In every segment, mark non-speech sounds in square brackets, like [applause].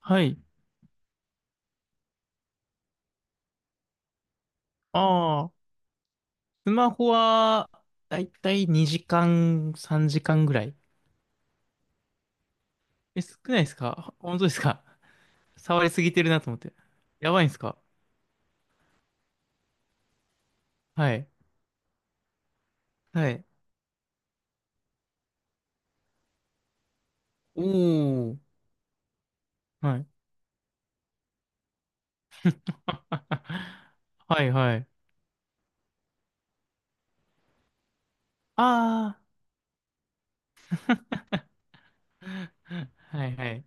はい。ああ、スマホは、だいたい2時間、3時間ぐらい。え、少ないですか？本当ですか？ [laughs] 触りすぎてるなと思って。やばいんですか？はい。はい。おー。はい。[laughs] はいはい。ああ。[laughs] はいはい。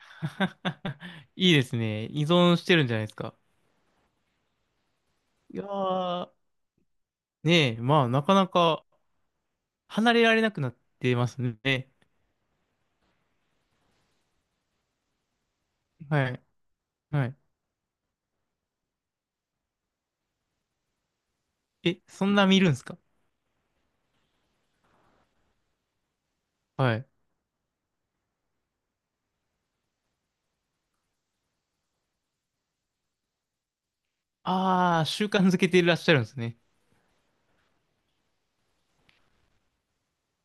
[laughs] いいですね。依存してるんじゃないですか？いやー、ねえ、まあ、なかなか離れられなくなってますね。はい。はい。え、そんな見るんですか？はい。ああ、習慣づけていらっしゃるんですね。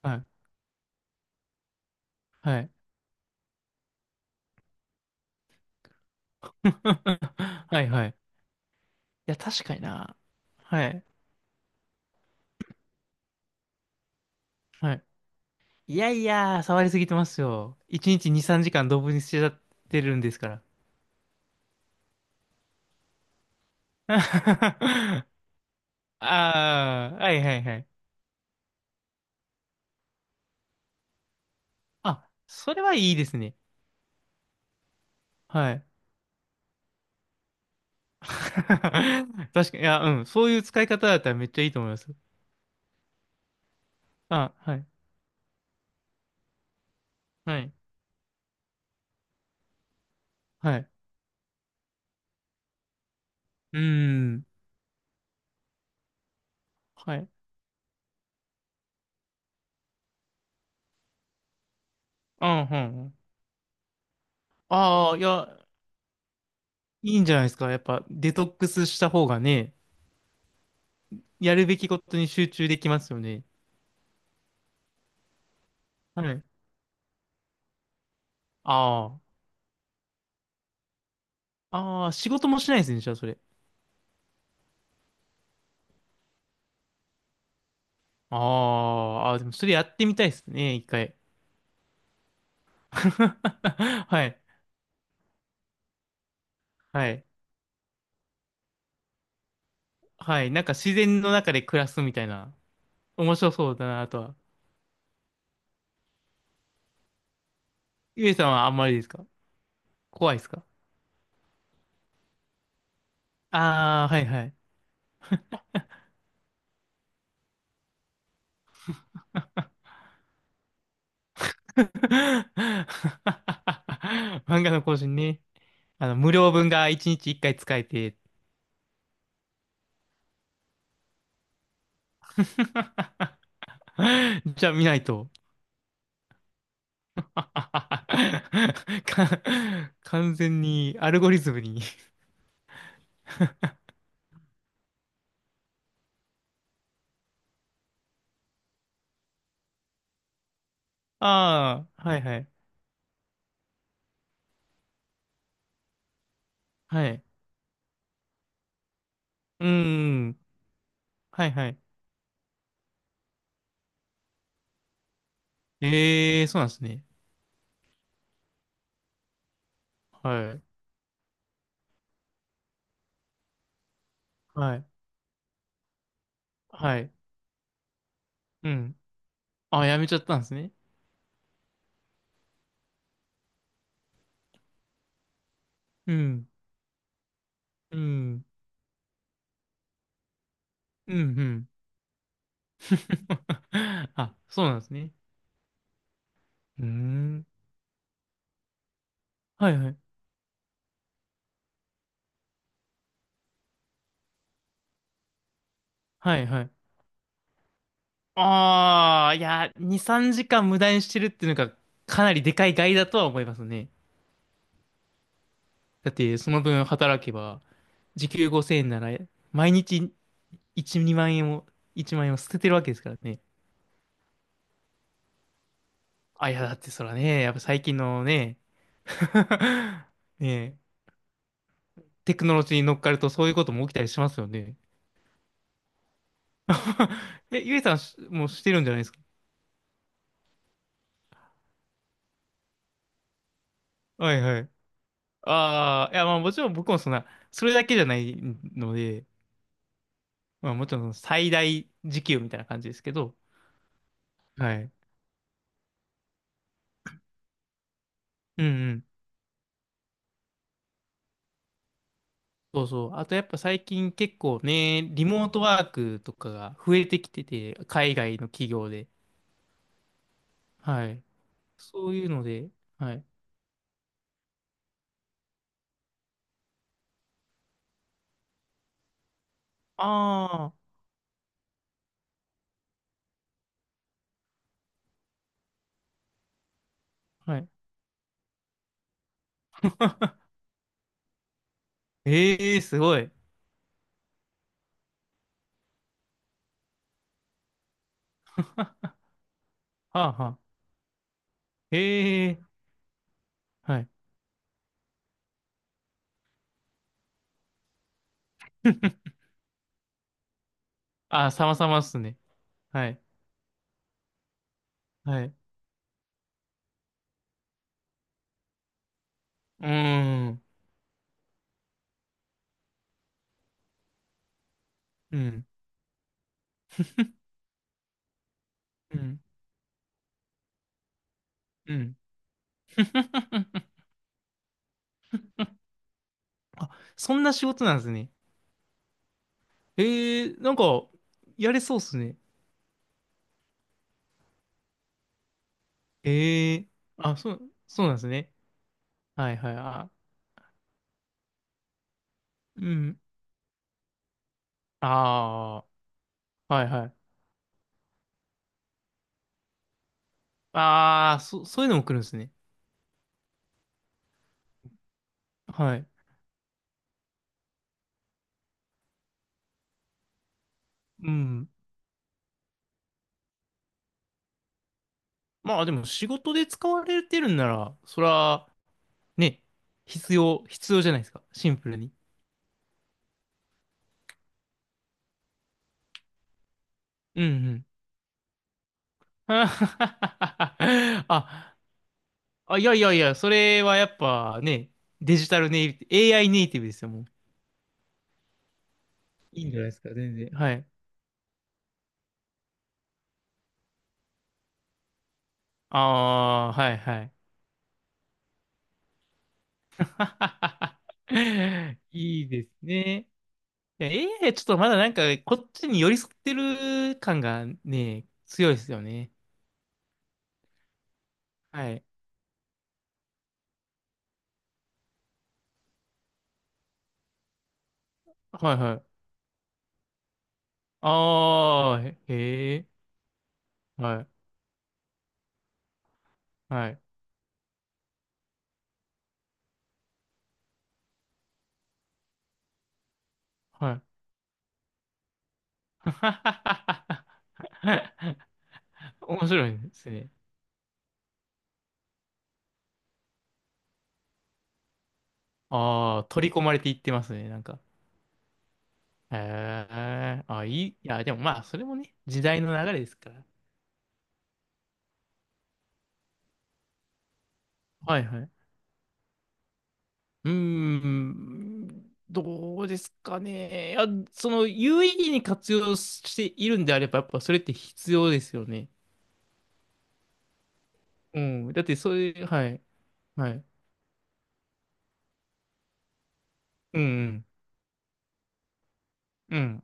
はい。はい。[laughs] はいはい。いや、確かにな。はい。はい。いやいや、触りすぎてますよ。1日2、3時間動物にしちゃってるんですから。[laughs] ああ、はいはいはい。あ、それはいいですね。はい。[laughs] 確かに、いや、うん。そういう使い方だったらめっちゃいいと思います。あ、はい。はい。はい。うーん。はい。うん、うん。うん、ああ、いや、いいんじゃないですか。やっぱデトックスした方がね、やるべきことに集中できますよね。はい。ああ。ああ、仕事もしないですね、じゃあそれ。ああ、あーでもそれやってみたいですね、一回。[laughs] はい。はい。はい。なんか自然の中で暮らすみたいな。面白そうだな、あとは。ゆえさんはあんまりですか？怖いですか？ああー、はいはい。[laughs] 漫画の更新ね。無料分が一日一回使えて。[laughs] [laughs] じゃあ見ないと。[laughs] あはははか、完全にアルゴリズムに。 [laughs] ああ、はいはい。はい。うん。はいはい。ええー、そうなんですね。はい。はい。はい。うん。あ、やめちゃったんですね。うん。うん。うん。うん。[laughs] あ、そうなんですね。うーん。はいはい。はいはい。ああ、いや、2、3時間無駄にしてるっていうのがかなりでかい害だとは思いますね。だってその分働けば、時給5000円なら、毎日1、2万円を、1万円を捨ててるわけですからね。あ、いや、だってそらね、やっぱ最近のね、[laughs] ねえ、テクノロジーに乗っかるとそういうことも起きたりしますよね。[laughs] え、ゆえさんしもうしてるんじゃないですか？はいはい。ああ、いやまあもちろん僕もそんな、それだけじゃないので、まあもちろん最大時給みたいな感じですけど、はい。うんうん。そうそう。あとやっぱ最近結構ね、リモートワークとかが増えてきてて、海外の企業で。はい。そういうので、はい。ああ、はい。ええー、すごい。[laughs] はあ、はあ。ええー、はい。[laughs] ああ、様々っすね。はい。はい。うーん。うん。うん。うん。[laughs] あ、そんな仕事なんですね。ええー、なんか、やれそうっすね。ええー、あ、そう、そうなんですね。はいはい。あ、うん、ああ、はいはい。ああ、そういうのも来るんですね。はい。うん。まあでも仕事で使われてるんなら、そら、ね、必要じゃないですか。シンプルに。うんうん。[laughs] あ、あ、いやいやいや、それはやっぱね、デジタルネイティブ、AI ネイティブですよ、もう。いいんじゃないですか、全然。はい。ああ、はいはい。[laughs] いいですね。いや、エーアイちょっとまだなんか、こっちに寄り添ってる感がね、強いですよね。はい。はいはい。ああ、へえ。はい。はい。はい。[laughs] 面白いですね。ああ、取り込まれていってますね、なんか。へえ。あ、いい。いや、でもまあ、それもね、時代の流れですから。はいはい。うーん、どうですかね。いや、その有意義に活用しているんであれば、やっぱそれって必要ですよね。うん。だってそういう、はい、はい。うん、うん。うん、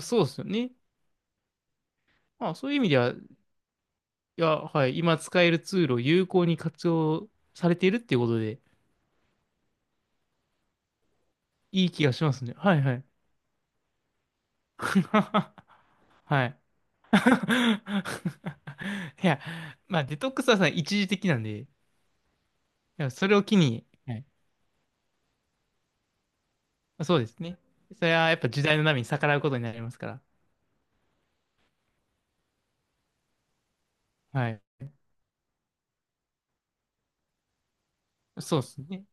そうですよね。まあそういう意味では、いや、はい、今使えるツールを有効に活用されているっていうことで、いい気がしますね。はい、はい。[laughs] はい。[laughs] いや、まあデトックスはさ、一時的なんで、いやそれを機に、はいそうですね。それはやっぱ時代の波に逆らうことになりますから。はい。そうですね。